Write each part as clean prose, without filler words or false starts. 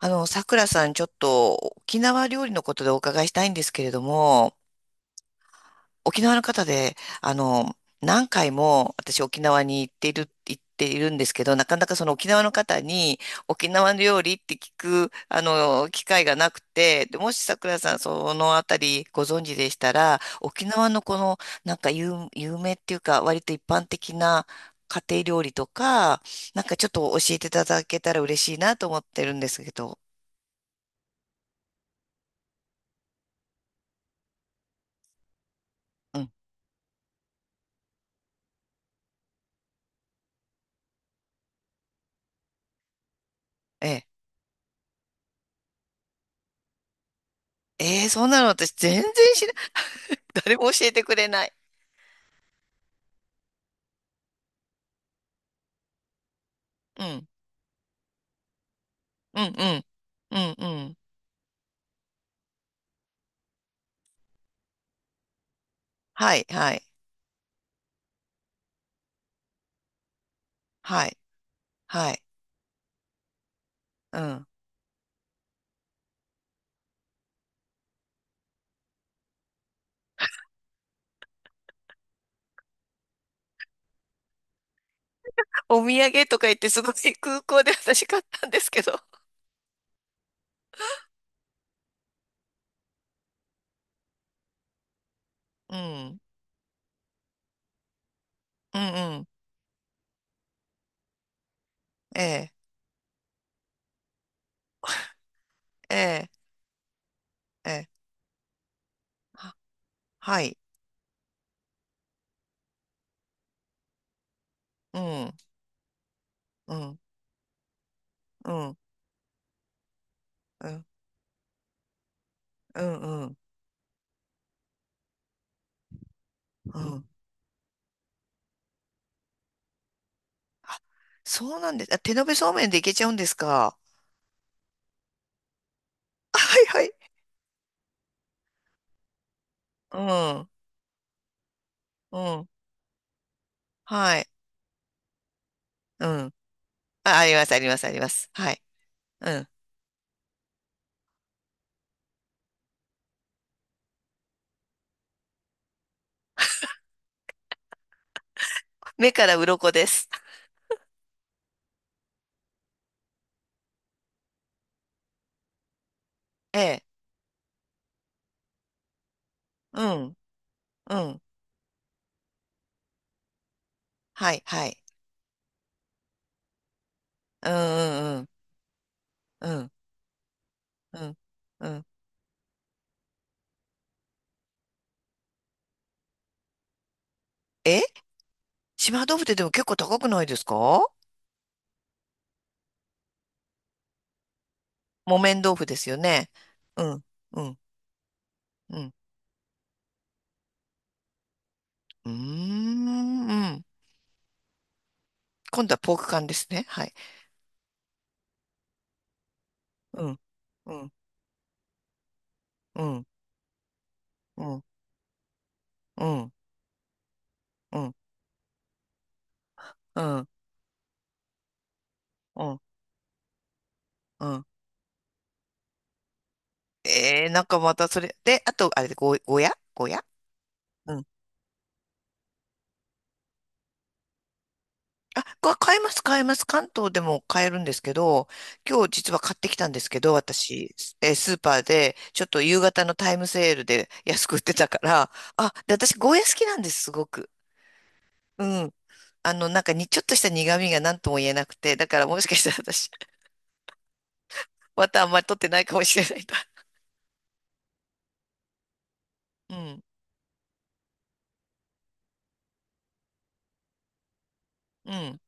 さくらさん、ちょっと沖縄料理のことでお伺いしたいんですけれども、沖縄の方で、あの、何回も私沖縄に行っているんですけど、なかなかその沖縄の方に沖縄の料理って聞く機会がなくて、でもしさくらさん、そのあたりご存知でしたら、沖縄のこの、なんか有名っていうか、割と一般的な家庭料理とか、なんかちょっと教えていただけたら嬉しいなと思ってるんですけど、うん、ええええー、そんなの私全然知らない。誰も教えてくれない。うん、うん、うん、うん、うん。はい、はい、はい、はい。うん。お土産とか言ってすごい空港で私買ったんですけど。うん、うん、うん。ええ、ええ、ええ。は、はい。うん、うん、うん、うん、うん、うん。うん、あ、そうなんです。あ、手延べそうめんでいけちゃうんですか？はい、はい。うん、うん。はい。うん。あ、あります、あります、あります。はい。うん。目から鱗です。ええ。うん。うん。はい、はい。うん、うん、うん。うん、うん。うん、え、島豆腐ってでも結構高くないですか？木綿豆腐ですよね。うん、うん、うん。うーん、うん。今度はポーク缶ですね。はい。うん、うん、うん、うん、うん、うん、うん、うん。うん、えー、なんかまたそれ。で、あと、あれで、ごや、あ、買えます、買えます。関東でも買えるんですけど、今日実は買ってきたんですけど、私、スーパーで、ちょっと夕方のタイムセールで安く売ってたから、あ、で、私、ゴーヤ好きなんです、すごく。うん。あの、なんかに、ちょっとした苦味が何とも言えなくて、だからもしかしたら私、またあんまり取ってないかもしれないな。うん、うん。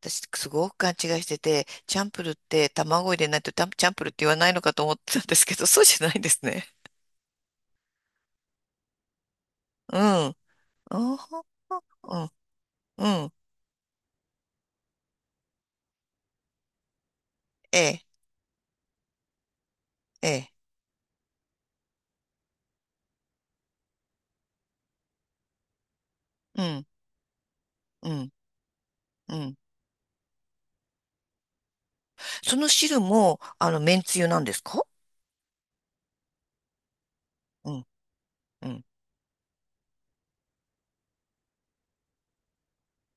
私、すごく勘違いしてて、チャンプルって卵入れないとタンチャンプルって言わないのかと思ってたんですけど、そうじゃないんですね。うん。あー、うん。うん。ええ、ええ、うん、うん、うん。その汁も、麺つゆなんですか？うん、うん、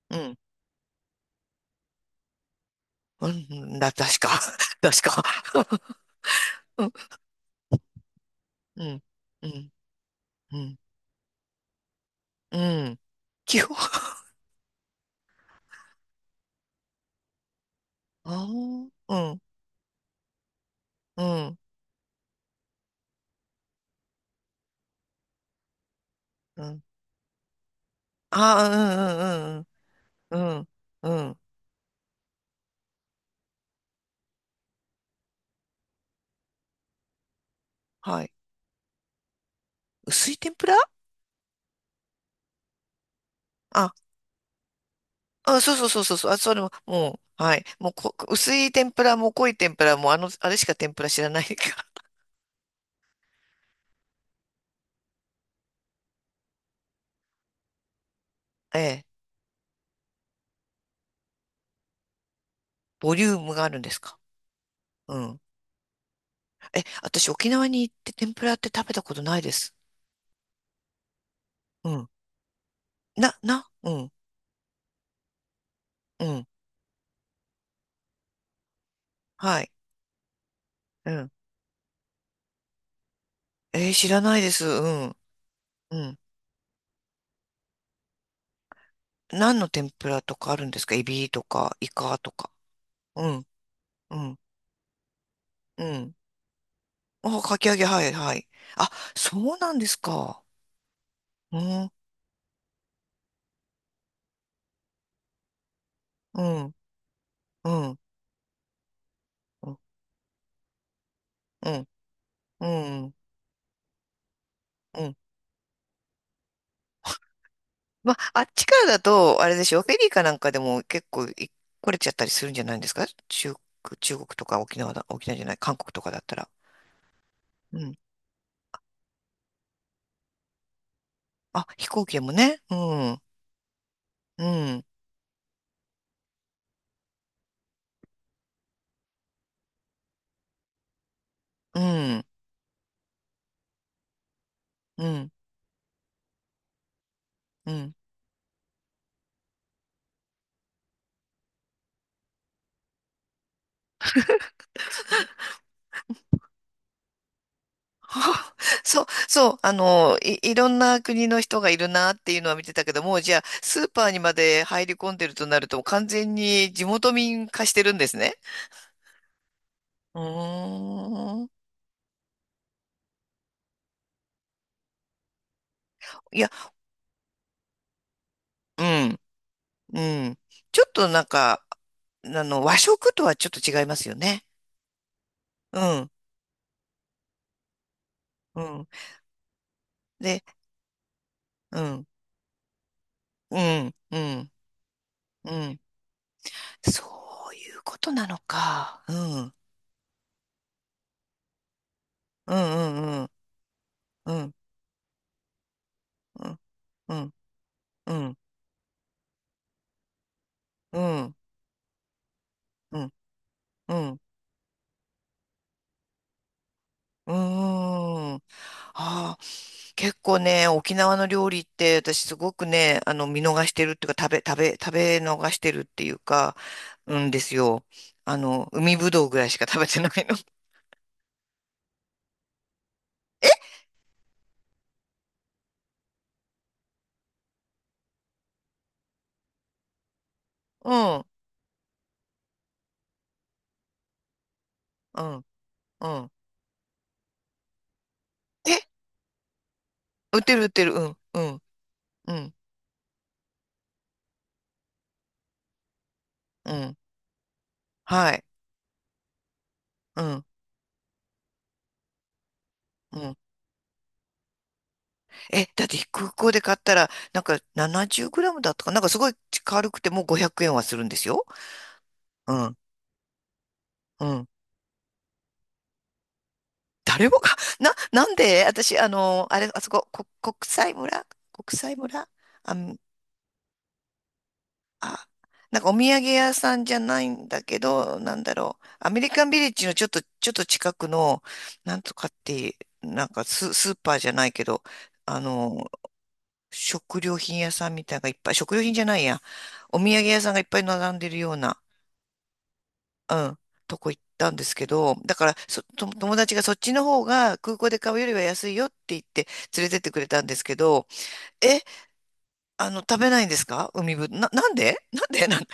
うん、うん、だ、確か、確か。うん、うん、うん、うん。うん、基本、ああ、うん、うん、うん。ああ、うん、うん、うん、うん、うん。はい。薄い天ぷら、あ、あ、そうそうそうそうそう。あ、それも、もう、はい。もうこ、薄い天ぷらも濃い天ぷらも、あれしか天ぷら知らないから。ええ。ボリュームがあるんですか？うん。え、私沖縄に行って天ぷらって食べたことないです。うん。うん、うん。はい。うん。えー知らないです。うん、うん。何の天ぷらとかあるんですか？エビとか、イカとか。うん、うん、うん。あ、かき揚げ、はい、はい。あ、そうなんですか。うん、うん、うん、うん、うん、うん。うん、まあ、あっちからだと、あれでしょ、フェリーかなんかでも結構い来れちゃったりするんじゃないんですか中、中国とか沖縄だ、沖縄じゃない、韓国とかだったら。うん。あ、飛行機でもね。うん。うん。うん。うん。うん。はあ、そう、そう。あの、いろんな国の人がいるなっていうのは見てたけども、じゃあ、スーパーにまで入り込んでるとなると、完全に地元民化してるんですね。うーん。いや、うん。うん。ちょっとなんか、和食とはちょっと違いますよね。うん。うん。で、うん。うん。うん。うん。そういうことなのか。うん。うん、うん、うん、うん、うん、うん、うん、うん、うん、うん、うん、ああー、結構ね沖縄の料理って私すごくね、あの見逃してるっていうか食べ逃してるっていうか、うんですよ、あの海ぶどうぐらいしか食べてないの。 え、うん、うん、うん、え、売ってる、うん、うん、うん、うん、はい、うん、うん、え、だって空港で買ったら、なんか70グラムだったかな、なんかすごい軽くてもう500円はするんですよ。うん、うん。誰もか、な、なんで私、あの、あれ、あそこ、こ、国際村、あん、あ、なんかお土産屋さんじゃないんだけど、なんだろう。アメリカンビレッジのちょっと近くの、なんとかっていう、なんかスーパーじゃないけど、あの、食料品屋さんみたいなのがいっぱい、食料品じゃないや。お土産屋さんがいっぱい並んでるような。うん、とこ行ったんですけど、だからそ、と友達がそっちの方が空港で買うよりは安いよって言って連れてってくれたんですけど、え、食べないんですか海ぶ、な、なんでなんでなん、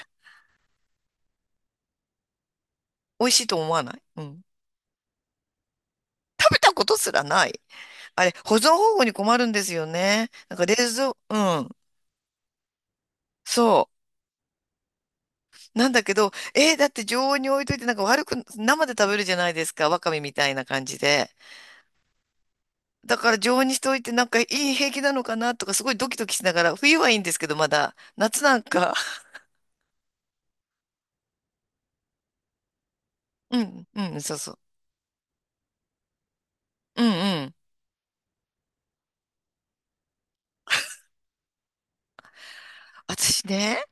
美味しいと思わない、うん。食べたことすらない。あれ、保存方法に困るんですよね。なんか冷蔵、うん。そう。なんだけど、えーだって常温に置いといてなんか悪く、生で食べるじゃないですか。わかめみたいな感じで。だから常温にしておいてなんかいい、平気なのかなとかすごいドキドキしながら、冬はいいんですけどまだ、夏なんか、うん、うん、そうそう。うん、うん。私ね、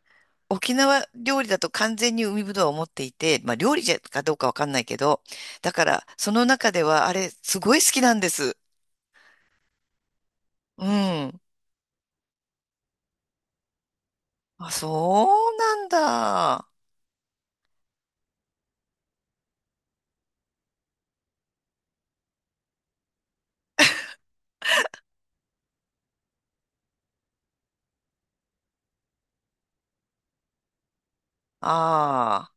沖縄料理だと完全に海ぶどうを持っていて、まあ料理じゃかどうかわかんないけど、だからその中ではあれすごい好きなんです。うん。あ、そうなんだ。ああ。